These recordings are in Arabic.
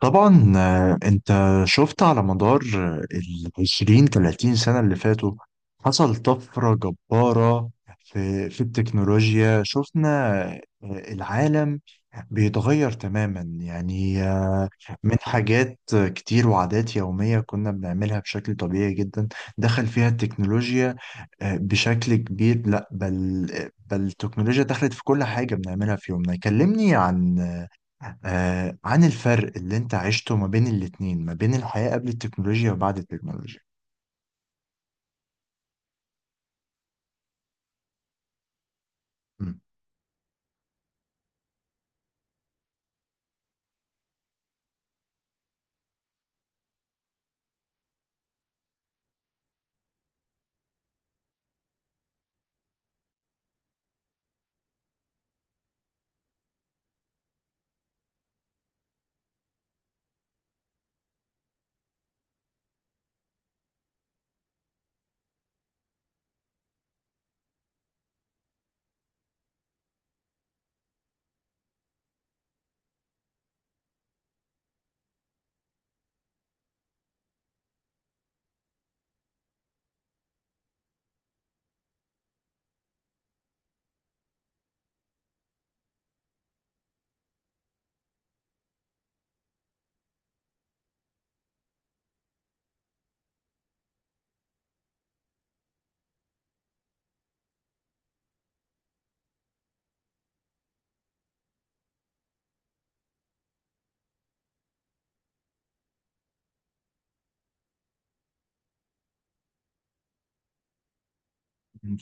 طبعا، انت شفت على مدار ال 20 30 سنة اللي فاتوا. حصل طفرة جبارة في التكنولوجيا. شفنا العالم بيتغير تماما، يعني من حاجات كتير وعادات يومية كنا بنعملها بشكل طبيعي جدا، دخل فيها التكنولوجيا بشكل كبير. لا بل بل التكنولوجيا دخلت في كل حاجة بنعملها في يومنا. كلمني عن الفرق اللي انت عشته ما بين الاتنين، ما بين الحياة قبل التكنولوجيا وبعد التكنولوجيا. امم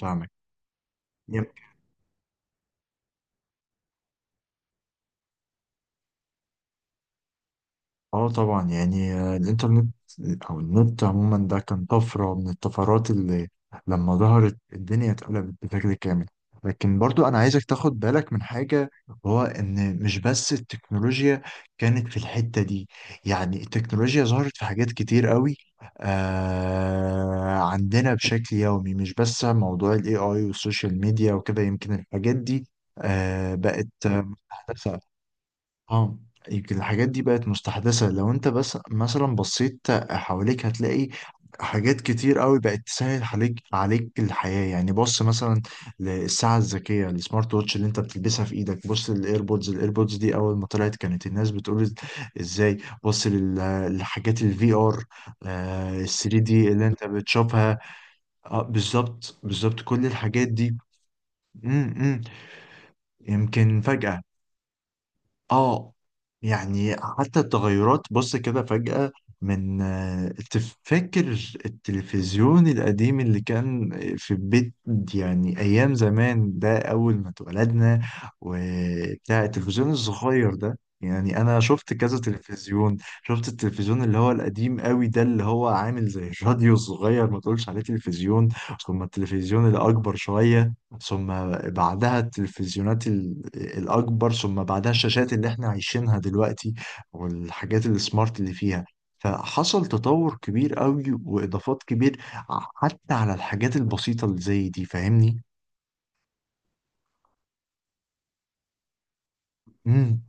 فاهمك. اه طبعا، يعني الانترنت او النت عموما ده كان طفرة من الطفرات اللي لما ظهرت الدنيا اتقلبت بشكل كامل. لكن برضو انا عايزك تاخد بالك من حاجة، وهو ان مش بس التكنولوجيا كانت في الحتة دي. يعني التكنولوجيا ظهرت في حاجات كتير قوي عندنا بشكل يومي، مش بس موضوع الاي اي والسوشيال ميديا وكده. يمكن الحاجات دي بقت مستحدثة. اه يمكن الحاجات دي بقت مستحدثة. لو انت بس مثلا بصيت حواليك هتلاقي حاجات كتير قوي بقت تسهل عليك الحياة. يعني بص مثلا للساعة الذكية، السمارت ووتش اللي انت بتلبسها في ايدك. بص للايربودز، الايربودز دي اول ما طلعت كانت الناس بتقول ازاي. بص لل- للحاجات الفي ار، ال 3 دي اللي انت بتشوفها. اه بالظبط بالظبط، كل الحاجات دي. امم، يمكن فجأة. اه، يعني حتى التغيرات بص كده فجأة، من تفكر التلفزيون القديم اللي كان في البيت. يعني أيام زمان ده، أول ما اتولدنا وبتاع، التلفزيون الصغير ده. يعني أنا شفت كذا تلفزيون، شفت التلفزيون اللي هو القديم قوي ده، اللي هو عامل زي الراديو الصغير، ما تقولش عليه تلفزيون. ثم التلفزيون الأكبر شوية، ثم بعدها التلفزيونات الأكبر، ثم بعدها الشاشات اللي احنا عايشينها دلوقتي والحاجات السمارت اللي فيها. فحصل تطور كبير قوي وإضافات كبير، حتى على الحاجات البسيطة اللي زي دي. فاهمني؟ مم.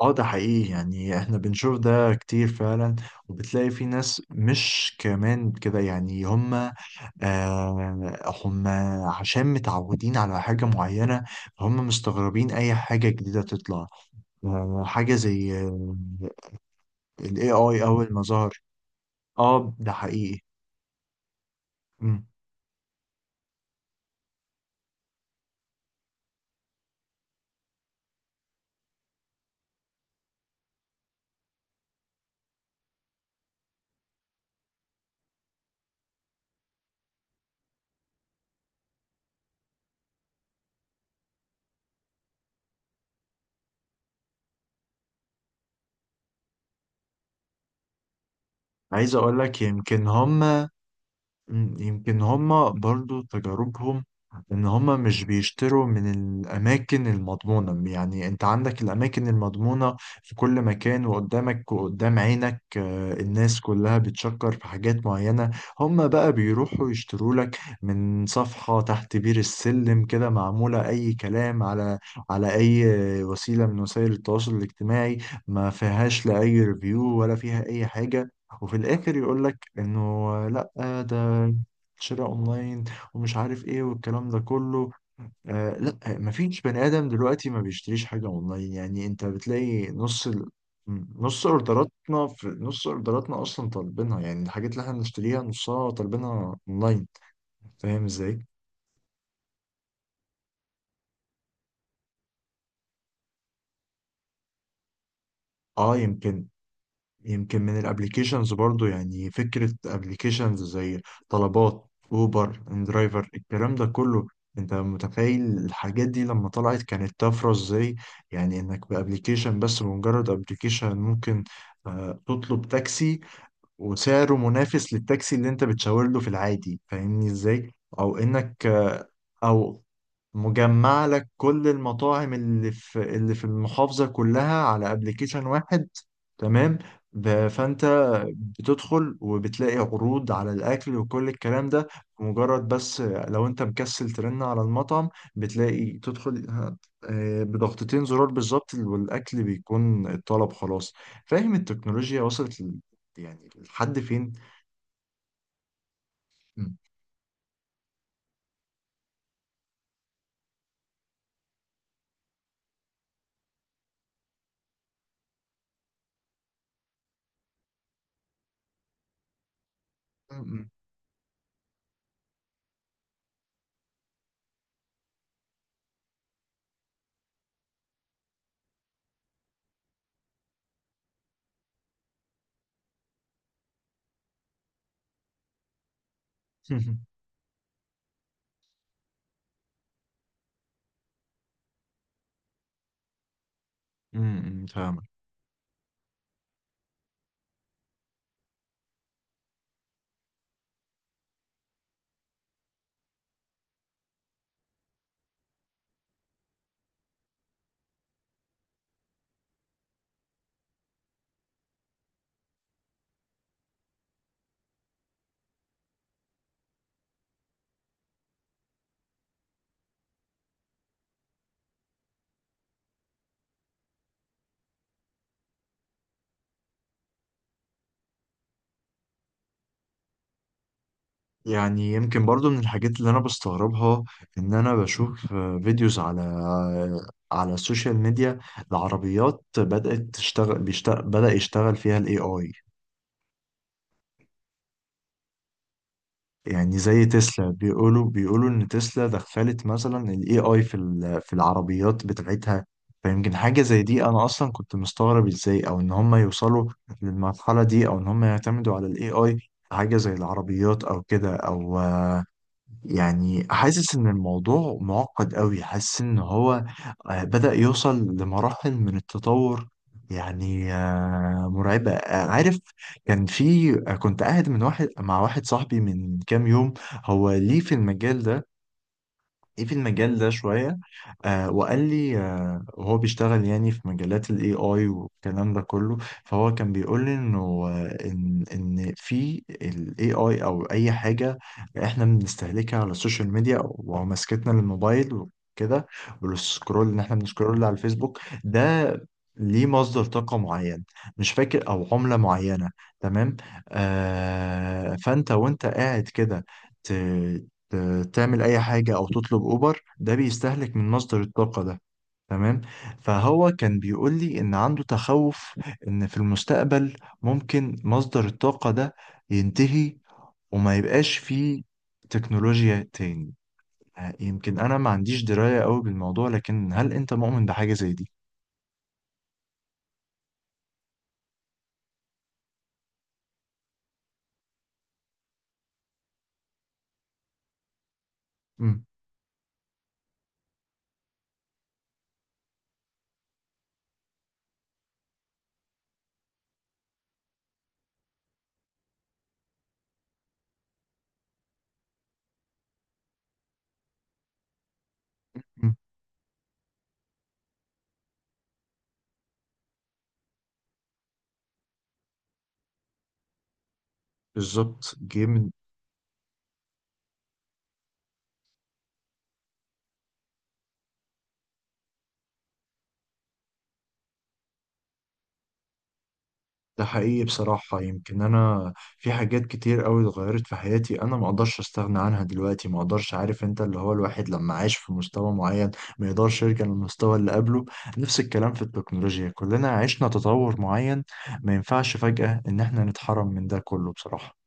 اه ده حقيقي، يعني احنا بنشوف ده كتير فعلا. وبتلاقي في ناس مش كمان كده، يعني هم هم عشان متعودين على حاجة معينة، هم مستغربين أي حاجة جديدة تطلع. آه حاجة زي ال AI أول ما ظهر. اه ده حقيقي. مم. عايز أقول لك يمكن هم، مم، يمكن هما برضو تجاربهم ان هما مش بيشتروا من الاماكن المضمونة. يعني انت عندك الاماكن المضمونة في كل مكان، وقدامك وقدام عينك الناس كلها بتشكر في حاجات معينة. هما بقى بيروحوا يشتروا لك من صفحة تحت بير السلم كده، معمولة اي كلام، على على اي وسيلة من وسائل التواصل الاجتماعي، ما فيهاش لا اي ريفيو ولا فيها اي حاجة. وفي الاخر يقول لك انه لا، ده شراء اونلاين، ومش عارف ايه والكلام ده كله. لا، مفيش بني ادم دلوقتي ما بيشتريش حاجه اونلاين. يعني انت بتلاقي نص ال... نص اوردراتنا، في نص اوردراتنا اصلا طالبينها. يعني الحاجات اللي احنا بنشتريها نصها طالبينها اونلاين. فاهم ازاي؟ اه يمكن، يمكن من الابليكيشنز برضو. يعني فكرة ابليكيشنز زي طلبات، اوبر، اندرايفر، الكلام ده كله. انت متخيل الحاجات دي لما طلعت كانت طفرة ازاي؟ يعني انك بابليكيشن بس، بمجرد ابليكيشن ممكن تطلب تاكسي وسعره منافس للتاكسي اللي انت بتشاور له في العادي. فاهمني ازاي؟ او انك او مجمع لك كل المطاعم اللي في اللي في المحافظة كلها على ابلكيشن واحد. تمام. فانت بتدخل وبتلاقي عروض على الاكل وكل الكلام ده. مجرد بس لو انت مكسل ترن على المطعم، بتلاقي تدخل بضغطتين زرار بالظبط، والاكل بيكون الطلب خلاص. فاهم؟ التكنولوجيا وصلت يعني لحد فين؟ م- م- م- م- م- يعني يمكن برضو من الحاجات اللي انا بستغربها، ان انا بشوف فيديوز على على السوشيال ميديا لعربيات بدأت تشتغل بيشتغل بدأ يشتغل فيها الاي اي. يعني زي تسلا، بيقولوا ان تسلا دخلت مثلا الاي اي في في العربيات بتاعتها. فيمكن حاجة زي دي انا اصلا كنت مستغرب ازاي، او ان هم يوصلوا للمرحلة دي، او ان هم يعتمدوا على الاي اي حاجة زي العربيات او كده. او يعني حاسس ان الموضوع معقد قوي، حاسس ان هو بدأ يوصل لمراحل من التطور، يعني مرعبة. عارف، كان في كنت قاعد من واحد مع واحد صاحبي من كام يوم. هو ليه في المجال ده، ايه في المجال ده شوية. آه وقال لي، آه وهو بيشتغل يعني في مجالات الاي اي والكلام ده كله. فهو كان بيقول لي انه ان في الاي اي او اي حاجة احنا بنستهلكها على السوشيال ميديا، ومسكتنا للموبايل وكده والسكرول، ان احنا بنسكرول على الفيسبوك ده، ليه مصدر طاقة معين، مش فاكر، او عملة معينة. تمام. آه فانت وانت قاعد كده تعمل اي حاجه او تطلب اوبر، ده بيستهلك من مصدر الطاقه ده. تمام. فهو كان بيقول لي ان عنده تخوف ان في المستقبل ممكن مصدر الطاقه ده ينتهي، وما يبقاش فيه تكنولوجيا تاني. يمكن انا ما عنديش درايه قوي بالموضوع، لكن هل انت مؤمن بحاجه زي دي؟ مم. مم. بالظبط، جه من. ده حقيقي بصراحة. يمكن أنا في حاجات كتير أوي اتغيرت في حياتي، أنا ما أقدرش أستغنى عنها دلوقتي، ما أقدرش. عارف أنت اللي هو، الواحد لما عايش في مستوى معين ما يقدرش يرجع للمستوى اللي قبله. نفس الكلام في التكنولوجيا، كلنا عشنا تطور معين، ما ينفعش فجأة إن إحنا نتحرم من ده كله بصراحة.